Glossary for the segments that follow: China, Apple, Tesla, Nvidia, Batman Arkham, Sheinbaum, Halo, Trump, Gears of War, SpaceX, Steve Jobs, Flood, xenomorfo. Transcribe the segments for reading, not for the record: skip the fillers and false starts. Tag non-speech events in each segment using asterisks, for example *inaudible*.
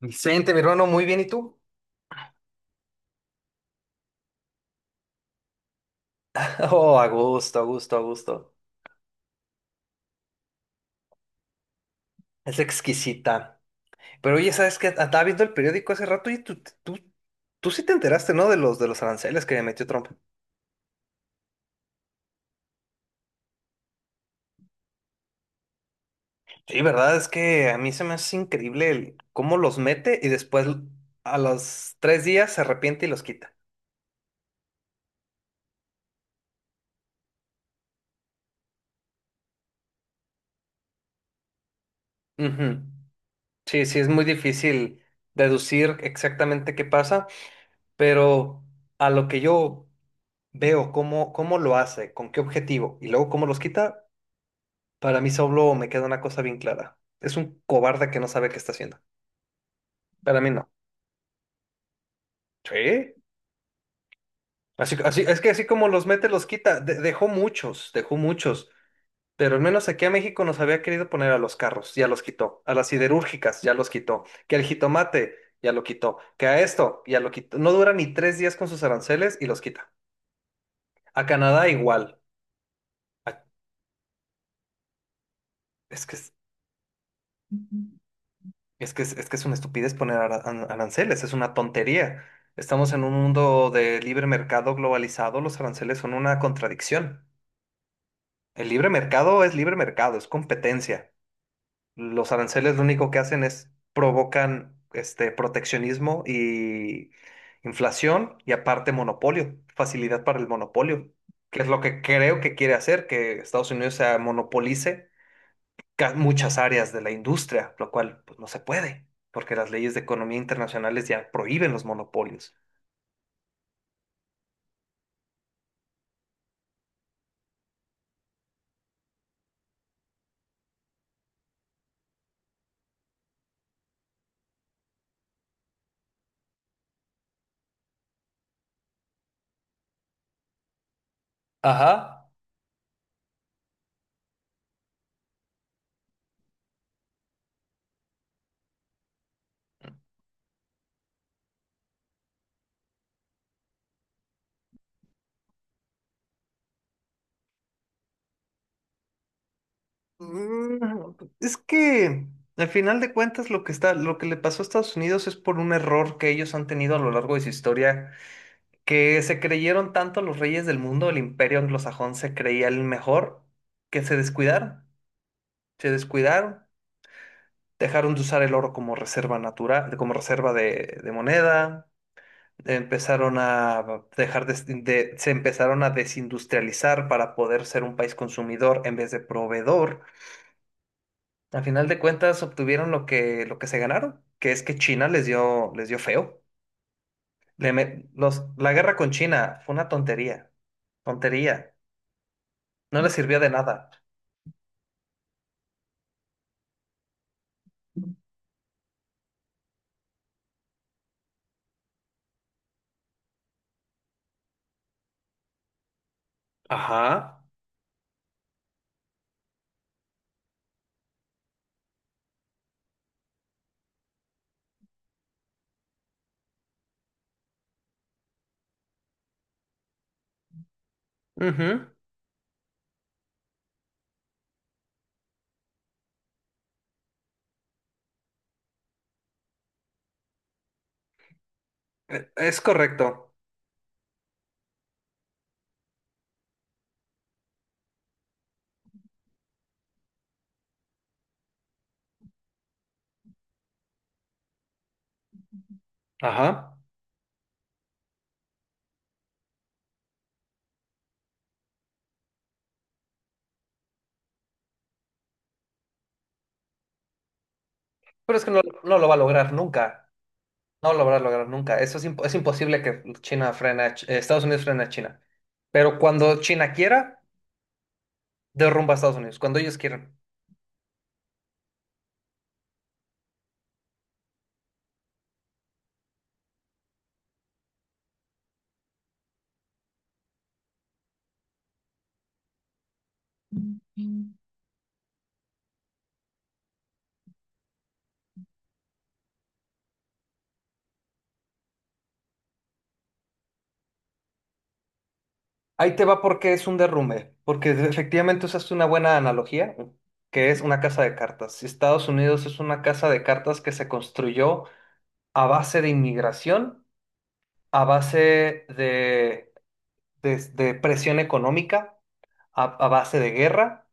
Vicente, mi hermano, muy bien, ¿y tú? *laughs* Oh, a gusto, a gusto, a gusto. Es exquisita. Pero oye, ¿sabes qué? Estaba viendo el periódico hace rato y tú sí te enteraste, ¿no? De los aranceles que metió Trump. Sí, verdad, es que a mí se me hace increíble cómo los mete y después a los tres días se arrepiente y los quita. Ujú. Sí, es muy difícil deducir exactamente qué pasa, pero a lo que yo veo, cómo lo hace, con qué objetivo y luego cómo los quita. Para mí solo me queda una cosa bien clara. Es un cobarde que no sabe qué está haciendo. Para mí no. Sí. Así, así, es que así como los mete, los quita. Dejó muchos, dejó muchos. Pero al menos aquí a México nos había querido poner a los carros, ya los quitó. A las siderúrgicas, ya los quitó. Que al jitomate, ya lo quitó. Que a esto, ya lo quitó. No dura ni tres días con sus aranceles y los quita. A Canadá igual. A- es que es- Es que es una estupidez poner aranceles, es una tontería. Estamos en un mundo de libre mercado globalizado, los aranceles son una contradicción. El libre mercado, es competencia. Los aranceles lo único que hacen es provocan este proteccionismo y inflación y aparte monopolio, facilidad para el monopolio, que es lo que creo que quiere hacer, que Estados Unidos se monopolice muchas áreas de la industria, lo cual pues, no se puede, porque las leyes de economía internacionales ya prohíben los monopolios. Ajá. Mm, Es que al final de cuentas lo lo que le pasó a Estados Unidos es por un error que ellos han tenido a lo largo de su historia, que se creyeron tanto los reyes del mundo, el imperio anglosajón se creía el mejor, que se descuidaron, se descuidaron, dejaron de usar el oro como reserva natural, como reserva de moneda, empezaron a dejar de- se empezaron a desindustrializar para poder ser un país consumidor en vez de proveedor. Al final de cuentas obtuvieron lo que se ganaron, que es que China les dio feo. La guerra con China fue una tontería. No les sirvió de nada. Ajá. ujú, Es correcto. Ajá. Pero es que no lo va a lograr nunca. No lo habrá logrado nunca. Eso es, es imposible que China frene a Ch- Estados Unidos frene a China. Pero cuando China quiera, derrumba a Estados Unidos, cuando ellos quieran. Mm. Ahí te va porque es un derrumbe, porque efectivamente usaste una buena analogía, que es una casa de cartas. Si Estados Unidos es una casa de cartas que se construyó a base de inmigración, a base de, de presión económica, a base de guerra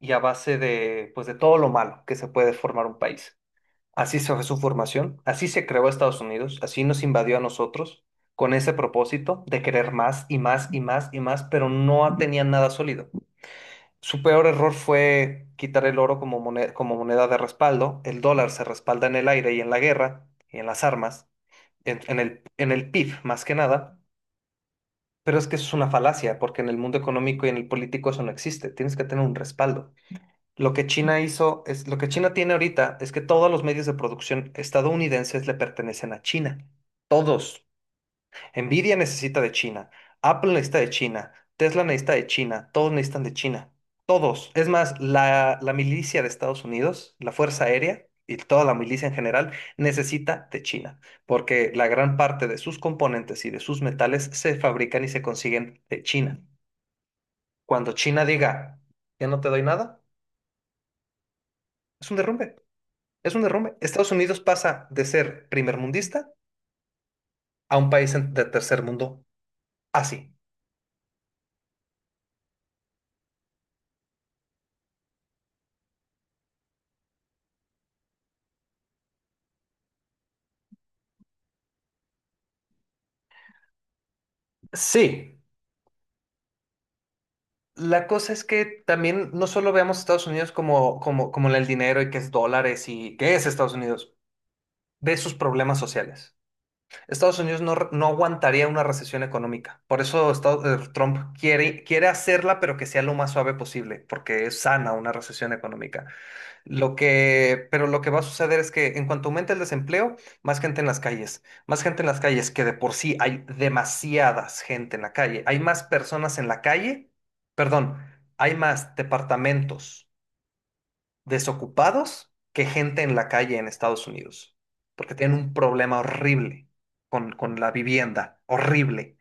y a base de, pues, de todo lo malo que se puede formar un país. Así se fue su formación, así se creó Estados Unidos, así nos invadió a nosotros, con ese propósito de querer más y más y más y más, pero no tenían nada sólido. Su peor error fue quitar el oro como moneda de respaldo. El dólar se respalda en el aire y en la guerra y en las armas, en el PIB más que nada. Pero es que eso es una falacia, porque en el mundo económico y en el político eso no existe. Tienes que tener un respaldo. Lo que China hizo es, lo que China tiene ahorita es que todos los medios de producción estadounidenses le pertenecen a China. Todos. Nvidia necesita de China, Apple necesita de China, Tesla necesita de China, todos necesitan de China. Todos. Es más, la milicia de Estados Unidos, la Fuerza Aérea y toda la milicia en general necesita de China, porque la gran parte de sus componentes y de sus metales se fabrican y se consiguen de China. Cuando China diga, ya no te doy nada, es un derrumbe. Es un derrumbe. Estados Unidos pasa de ser primermundista a un país de tercer mundo así. Sí. La cosa es que también no solo veamos a Estados Unidos como el dinero y que es dólares y qué es Estados Unidos. Ve sus problemas sociales. Estados Unidos no aguantaría una recesión económica. Por eso Trump quiere hacerla, pero que sea lo más suave posible, porque es sana una recesión económica. Pero lo que va a suceder es que en cuanto aumente el desempleo, más gente en las calles, que de por sí hay demasiadas gente en la calle, hay más personas en la calle, perdón, hay más departamentos desocupados que gente en la calle en Estados Unidos, porque tienen un problema horrible con la vivienda, horrible.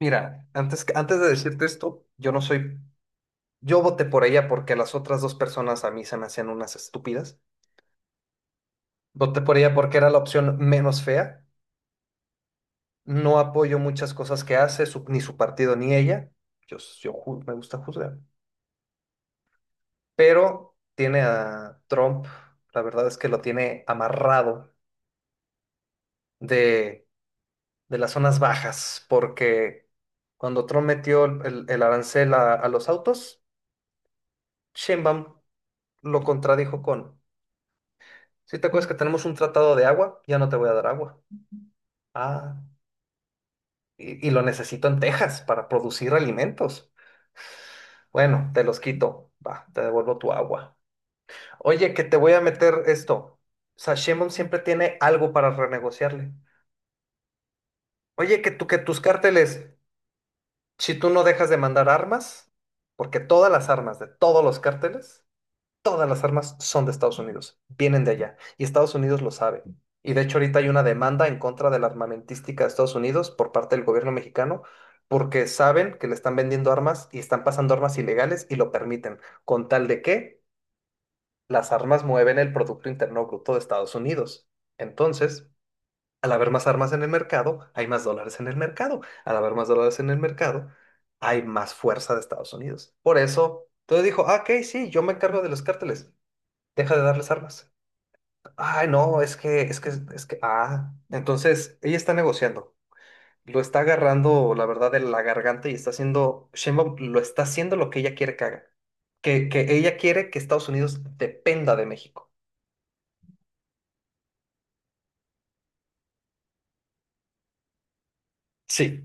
Mira, antes, antes de decirte esto, yo no soy, yo voté por ella porque las otras dos personas a mí se me hacían unas estúpidas. Voté por ella porque era la opción menos fea. No apoyo muchas cosas que hace, ni su partido ni ella. Yo, me gusta juzgar. Pero tiene a Trump, la verdad es que lo tiene amarrado de, de las zonas bajas, porque cuando Trump metió el arancel a los autos, Sheinbaum lo contradijo con, si te acuerdas que tenemos un tratado de agua, ya no te voy a dar agua. Ah, y lo necesito en Texas para producir alimentos. Bueno, te los quito. Va, te devuelvo tu agua. Oye, que te voy a meter esto. Sashemon siempre tiene algo para renegociarle. Oye, que tus cárteles, si tú no dejas de mandar armas, porque todas las armas de todos los cárteles, todas las armas son de Estados Unidos, vienen de allá, y Estados Unidos lo sabe. Y de hecho ahorita hay una demanda en contra de la armamentística de Estados Unidos por parte del gobierno mexicano, porque saben que le están vendiendo armas y están pasando armas ilegales y lo permiten, con tal de que las armas mueven el Producto Interno Bruto de Estados Unidos. Entonces, al haber más armas en el mercado, hay más dólares en el mercado. Al haber más dólares en el mercado, hay más fuerza de Estados Unidos. Por eso, entonces dijo, ah, ok, sí, yo me encargo de los cárteles. Deja de darles armas. Ay, no, es que, ah. Entonces, ella está negociando. Lo está agarrando, la verdad, de la garganta y está haciendo, Sheinbaum lo está haciendo lo que ella quiere que haga. Que ella quiere que Estados Unidos dependa de México. Sí.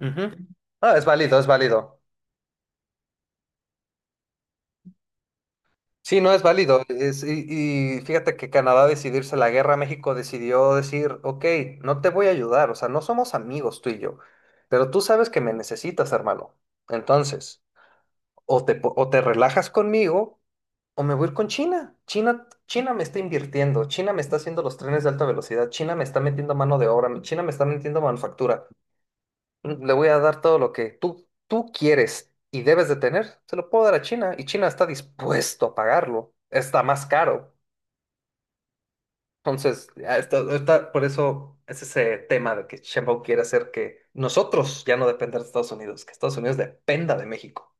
Ujú. Ah, es válido, es válido. Sí, no es válido. Y fíjate que Canadá decidirse la guerra, México decidió decir, ok, no te voy a ayudar, o sea, no somos amigos tú y yo, pero tú sabes que me necesitas, hermano. Entonces, o te relajas conmigo o me voy a ir con China. China me está invirtiendo, China me está haciendo los trenes de alta velocidad, China me está metiendo mano de obra, China me está metiendo manufactura. Le voy a dar todo lo que tú quieres y debes de tener. Se lo puedo dar a China y China está dispuesto a pagarlo. Está más caro. Entonces, por eso es ese tema de que Sheinbaum quiere hacer que nosotros ya no depender de Estados Unidos, que Estados Unidos dependa de México.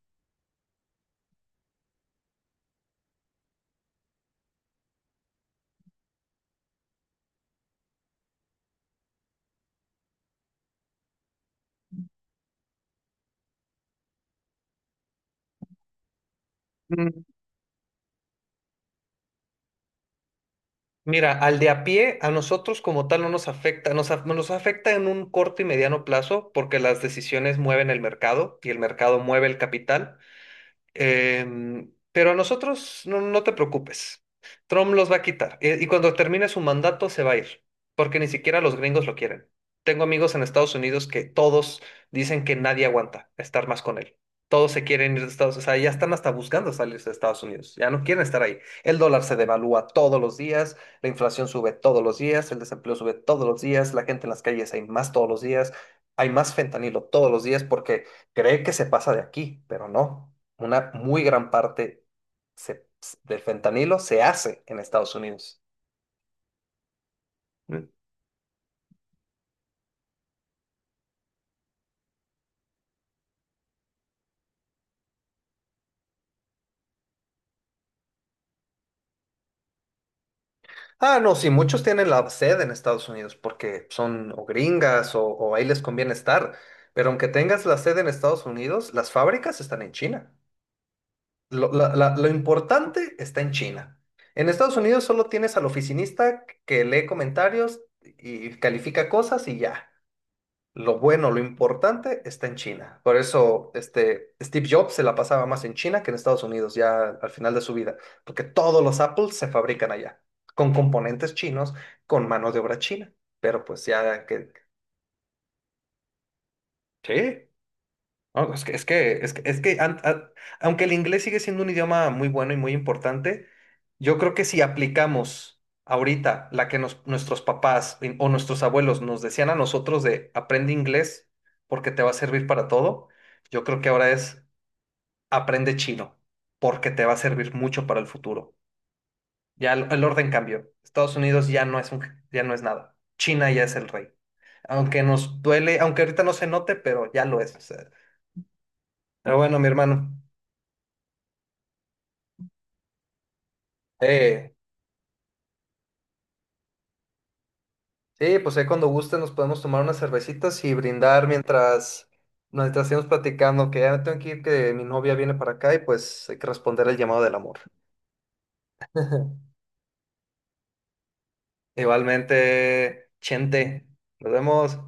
Mm, Mira, al de a pie, a nosotros como tal no nos afecta, nos afecta en un corto y mediano plazo porque las decisiones mueven el mercado y el mercado mueve el capital. Pero a nosotros no, no te preocupes. Trump los va a quitar. Y cuando termine su mandato se va a ir, porque ni siquiera los gringos lo quieren. Tengo amigos en Estados Unidos que todos dicen que nadie aguanta estar más con él. Todos se quieren ir de Estados Unidos. O sea, ya están hasta buscando salirse de Estados Unidos. Ya no quieren estar ahí. El dólar se devalúa todos los días, la inflación sube todos los días, el desempleo sube todos los días, la gente en las calles hay más todos los días, hay más fentanilo todos los días porque cree que se pasa de aquí, pero no una muy gran parte se- del fentanilo se hace en Estados Unidos. Mm. Ah, no, sí, muchos tienen la sede en Estados Unidos porque son o gringas o ahí les conviene estar. Pero aunque tengas la sede en Estados Unidos, las fábricas están en China. Lo importante está en China. En Estados Unidos solo tienes al oficinista que lee comentarios y califica cosas y ya. Lo bueno, lo importante está en China. Por eso, este, Steve Jobs se la pasaba más en China que en Estados Unidos, ya al final de su vida, porque todos los Apples se fabrican allá, con componentes chinos, con mano de obra china. Pero pues ya que... Sí. No, no, es que, es que, es que, es que an- a- Aunque el inglés sigue siendo un idioma muy bueno y muy importante, yo creo que si aplicamos ahorita la nuestros papás o nuestros abuelos nos decían a nosotros de aprende inglés porque te va a servir para todo, yo creo que ahora es aprende chino porque te va a servir mucho para el futuro. Ya el orden cambió. Estados Unidos ya no es ya no es nada. China ya es el rey. Aunque nos duele, aunque ahorita no se note, pero ya lo es. O sea. Pero bueno, mi hermano. Eh, sí, pues ahí cuando guste nos podemos tomar unas cervecitas y brindar mientras, mientras estemos platicando, que ya me tengo que ir, que mi novia viene para acá y pues hay que responder al llamado del amor. *laughs* Igualmente, Chente, nos vemos.